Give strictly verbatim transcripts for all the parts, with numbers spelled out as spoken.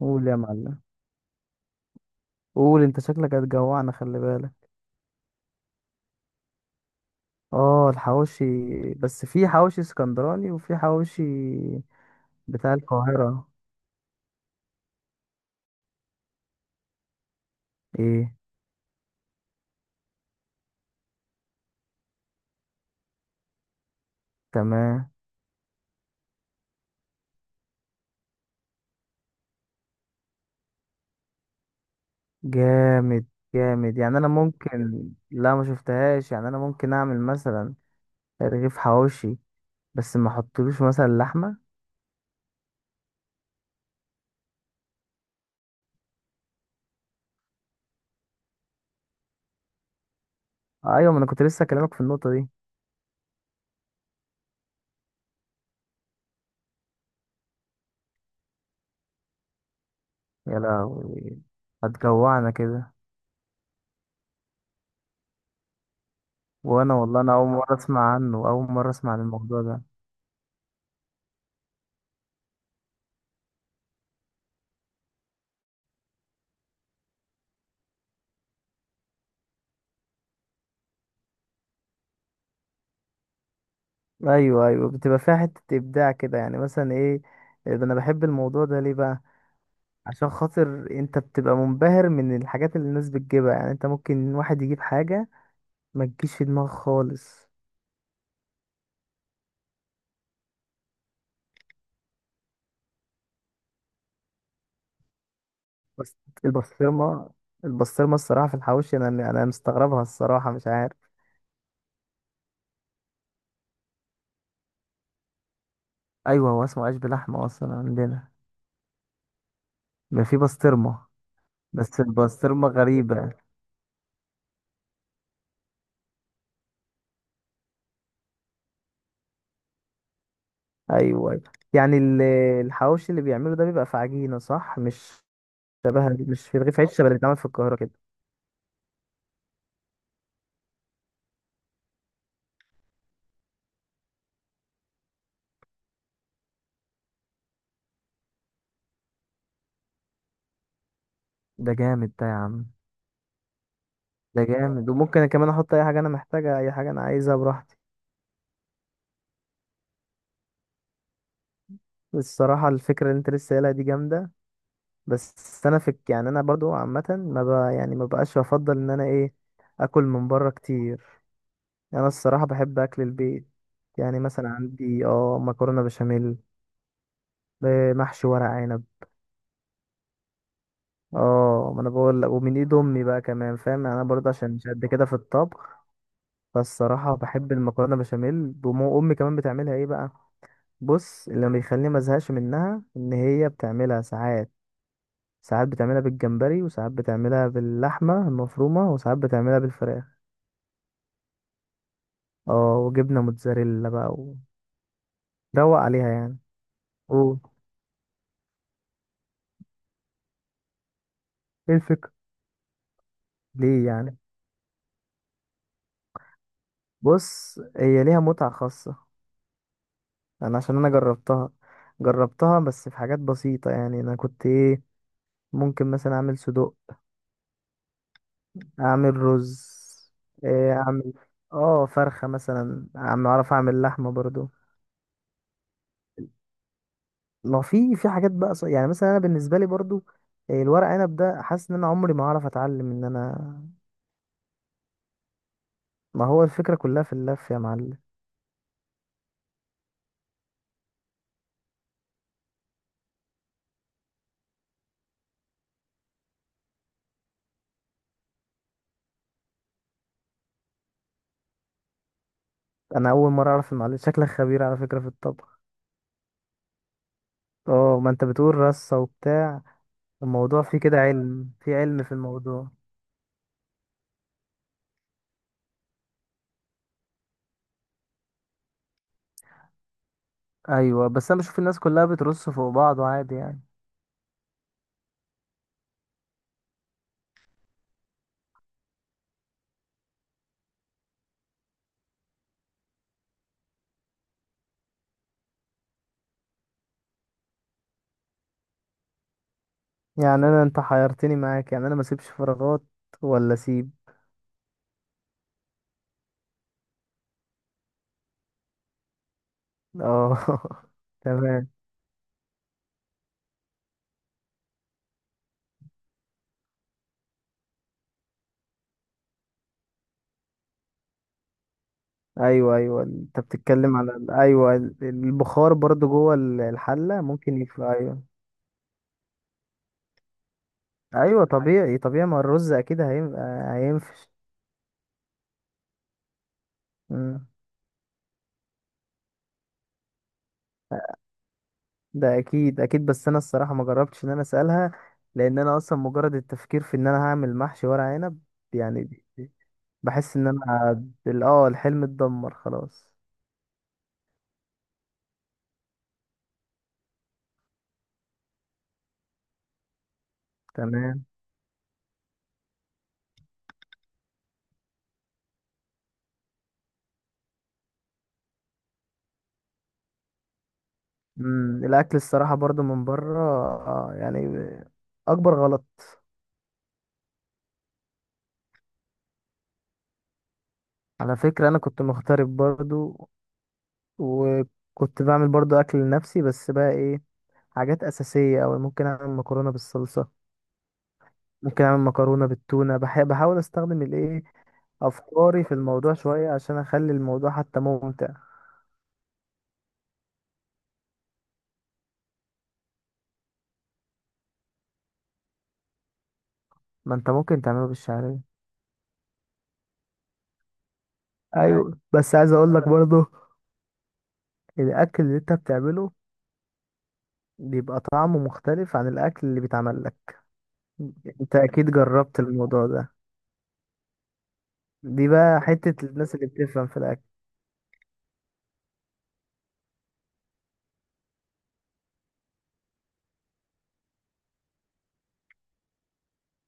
قول يا معلم. قول انت شكلك هتجوعنا، خلي بالك. اه الحواوشي. بس في حواوشي اسكندراني وفي حواوشي بتاع القاهرة. ايه. تمام. جامد جامد، يعني انا ممكن لا ما شفتهاش، يعني انا ممكن اعمل مثلا رغيف حواوشي، بس ما احطلوش مثلا لحمة. ايوه، ما انا كنت لسه اكلمك في النقطة دي. يا لهوي، هتجوعنا كده. وانا والله انا اول مرة اسمع عنه، اول مرة اسمع عن الموضوع ده. ايوه ايوه، بتبقى فيها حته ابداع كده، يعني مثلا ايه؟ انا بحب الموضوع ده ليه بقى؟ عشان خاطر انت بتبقى منبهر من الحاجات اللي الناس بتجيبها، يعني انت ممكن واحد يجيب حاجه ما تجيش في دماغك خالص. بس البسطرمه، البسطرمه الصراحه في الحواوشي، انا انا مستغربها الصراحه، مش عارف. ايوه، هو اسمه عيش بلحمه اصلا عندنا، ما في بسطرمه. بس البسطرمه غريبه. ايوه أيوة. يعني ال- الحواوشي اللي بيعمله ده بيبقى في عجينه، صح؟ مش شبه مش في رغيف عيش شبه اللي بيتعمل في القاهره كده؟ ده جامد ده يا عم. ده جامد، وممكن أنا كمان احط اي حاجه انا محتاجها، اي حاجه انا عايزها براحتي. الصراحه الفكره اللي انت لسه قايلها دي جامده. بس انا في، يعني انا برضو عامه ما ب... يعني ما بقاش بفضل ان انا ايه، اكل من بره كتير. انا الصراحه بحب اكل البيت. يعني مثلا عندي اه مكرونه بشاميل، آه، محشي ورق عنب. اه، ما انا بقول لك، ومن ايد امي بقى كمان، فاهم يعني انا برضه عشان مش قد كده في الطبخ. فالصراحه بحب المكرونه بشاميل، وام امي كمان بتعملها ايه بقى؟ بص اللي ما بيخليني ما ازهقش منها ان هي بتعملها ساعات، ساعات بتعملها بالجمبري، وساعات بتعملها باللحمه المفرومه، وساعات بتعملها بالفراخ. اه وجبنه موتزاريلا بقى، وروق عليها يعني. قول. ايه الفكرة؟ ليه يعني؟ بص هي ليها متعه خاصه، انا عشان انا جربتها. جربتها بس في حاجات بسيطه، يعني انا كنت ايه، ممكن مثلا اعمل صدوق، اعمل رز، إيه، اعمل اه فرخه مثلا، اعمل، اعرف اعمل لحمه برضو. ما في، في حاجات بقى ص- يعني مثلا انا بالنسبه لي برضو، آه، الورق عنب ده حاسس ان انا عمري ما هعرف اتعلم ان انا. ما هو الفكره كلها في اللف يا معلم. انا اول مره اعرف، المعلم شكلك خبير على فكره في الطبخ. اه، ما انت بتقول رصه وبتاع، الموضوع فيه كده علم، في علم في الموضوع. ايوه، بس انا بشوف الناس كلها بترص فوق بعض عادي يعني. يعني انا، انت حيرتني معاك، يعني انا ما اسيبش فراغات ولا اسيب؟ اه تمام. ايوه ايوه، انت بتتكلم على ال- ايوه ال- البخار برضو جوه ال- الحله ممكن يف... ايوه. ايوه طبيعي طبيعي، ما الرز اكيد هينفع، هينفش. مم. ده اكيد اكيد، بس انا الصراحه ما جربتش ان انا اسالها، لان انا اصلا مجرد التفكير في ان انا هعمل محشي ورق عنب، يعني بحس ان انا ال- اه الحلم اتدمر خلاص. تمام. مم. الاكل الصراحه برضو من بره، آه يعني، اكبر غلط. على فكره انا كنت مغترب برضو، وكنت بعمل برضو اكل لنفسي، بس بقى ايه، حاجات اساسيه أوي. ممكن اعمل مكرونه بالصلصه، ممكن اعمل مكرونه بالتونه، بح بحاول استخدم الايه، افكاري في الموضوع شويه، عشان اخلي الموضوع حتى ممتع. ما انت ممكن تعمله بالشعريه. أيوة. ايوه، بس عايز اقول لك برضو، الاكل اللي انت بتعمله بيبقى طعمه مختلف عن الاكل اللي بيتعمل لك. انت اكيد جربت الموضوع ده. دي بقى حته الناس اللي بتفهم في الاكل.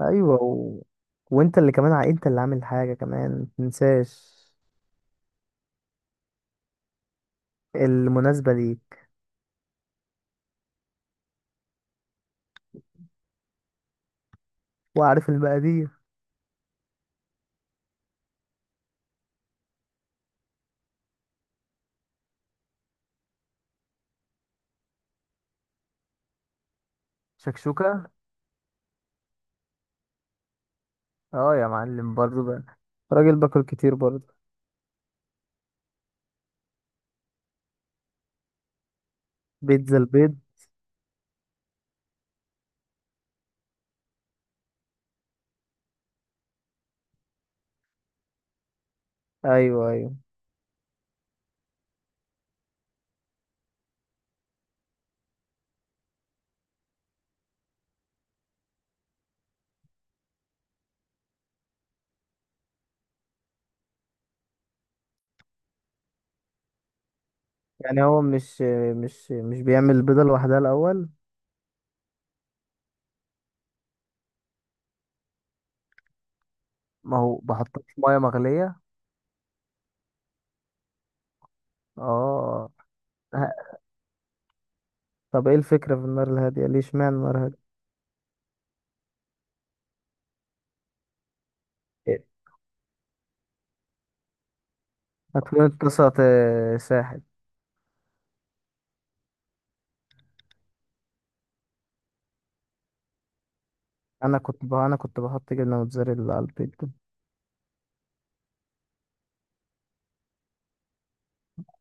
ايوه و... وانت اللي كمان ع- انت اللي عامل حاجه كمان، متنساش. المناسبه ليك. وعارف المقادير. شكشوكه. اه يا معلم برضو بقى، راجل باكل كتير برضو. بيتزا البيض. ايوه ايوه. يعني هو مش، مش مش بيعمل البيضه لوحدها الاول؟ ما هو بحطها في ميه مغليه. اه. ه-. طب ايه الفكره في النار الهاديه ليه؟ اشمعنى النار هاديه؟ هتكون اتلصقت، آه، ساحل. انا كنت ب...، انا كنت بحط جبنه موتزاريلا على البيض.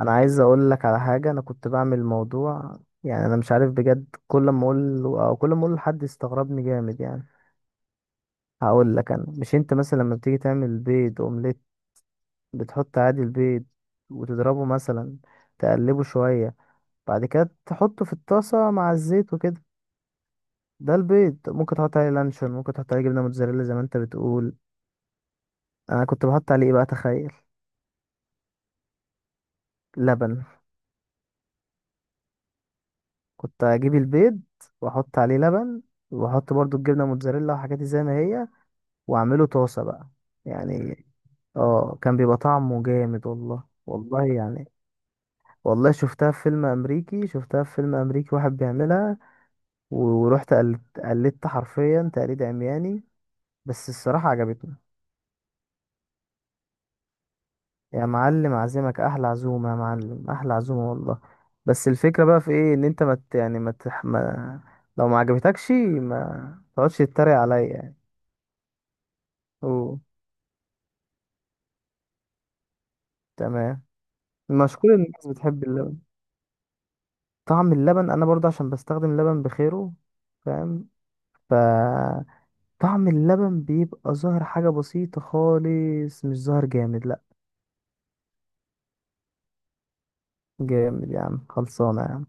انا عايز اقول لك على حاجه، انا كنت بعمل موضوع، يعني انا مش عارف بجد، كل ما اقول له- او كل ما اقول لحد يستغربني جامد يعني. هقول لك، انا مش، انت مثلا لما بتيجي تعمل بيض اومليت، بتحط عادي البيض، وتضربه مثلا، تقلبه شويه، بعد كده تحطه في الطاسه مع الزيت وكده. ده البيض ممكن تحط عليه لانشون، ممكن تحط عليه جبنه موتزاريلا زي ما انت بتقول. انا كنت بحط عليه ايه بقى، تخيل؟ لبن. كنت اجيب البيض، واحط عليه لبن، واحط برضو الجبنه موتزاريلا وحاجاتي زي ما هي، واعمله طاسة بقى يعني. اه كان بيبقى طعمه جامد، والله والله يعني. والله شفتها في فيلم امريكي، شفتها في فيلم امريكي واحد بيعملها، ورحت قلدت قلدت حرفيا تقليد عمياني، بس الصراحة عجبتني. يا معلم عزمك احلى عزومة، يا معلم احلى عزومة والله. بس الفكرة بقى في ايه، ان انت ما مت يعني، ما مت ما، لو ما عجبتكش ما تقعدش تتريق عليا يعني. اوه. تمام. مشكور ان الناس بتحب اللبن. طعم اللبن انا برضه عشان بستخدم لبن بخيره، فاهم، ف، طعم اللبن بيبقى ظاهر حاجة بسيطة خالص، مش ظاهر جامد لا. جامد يا عم، خلصانة يا عم.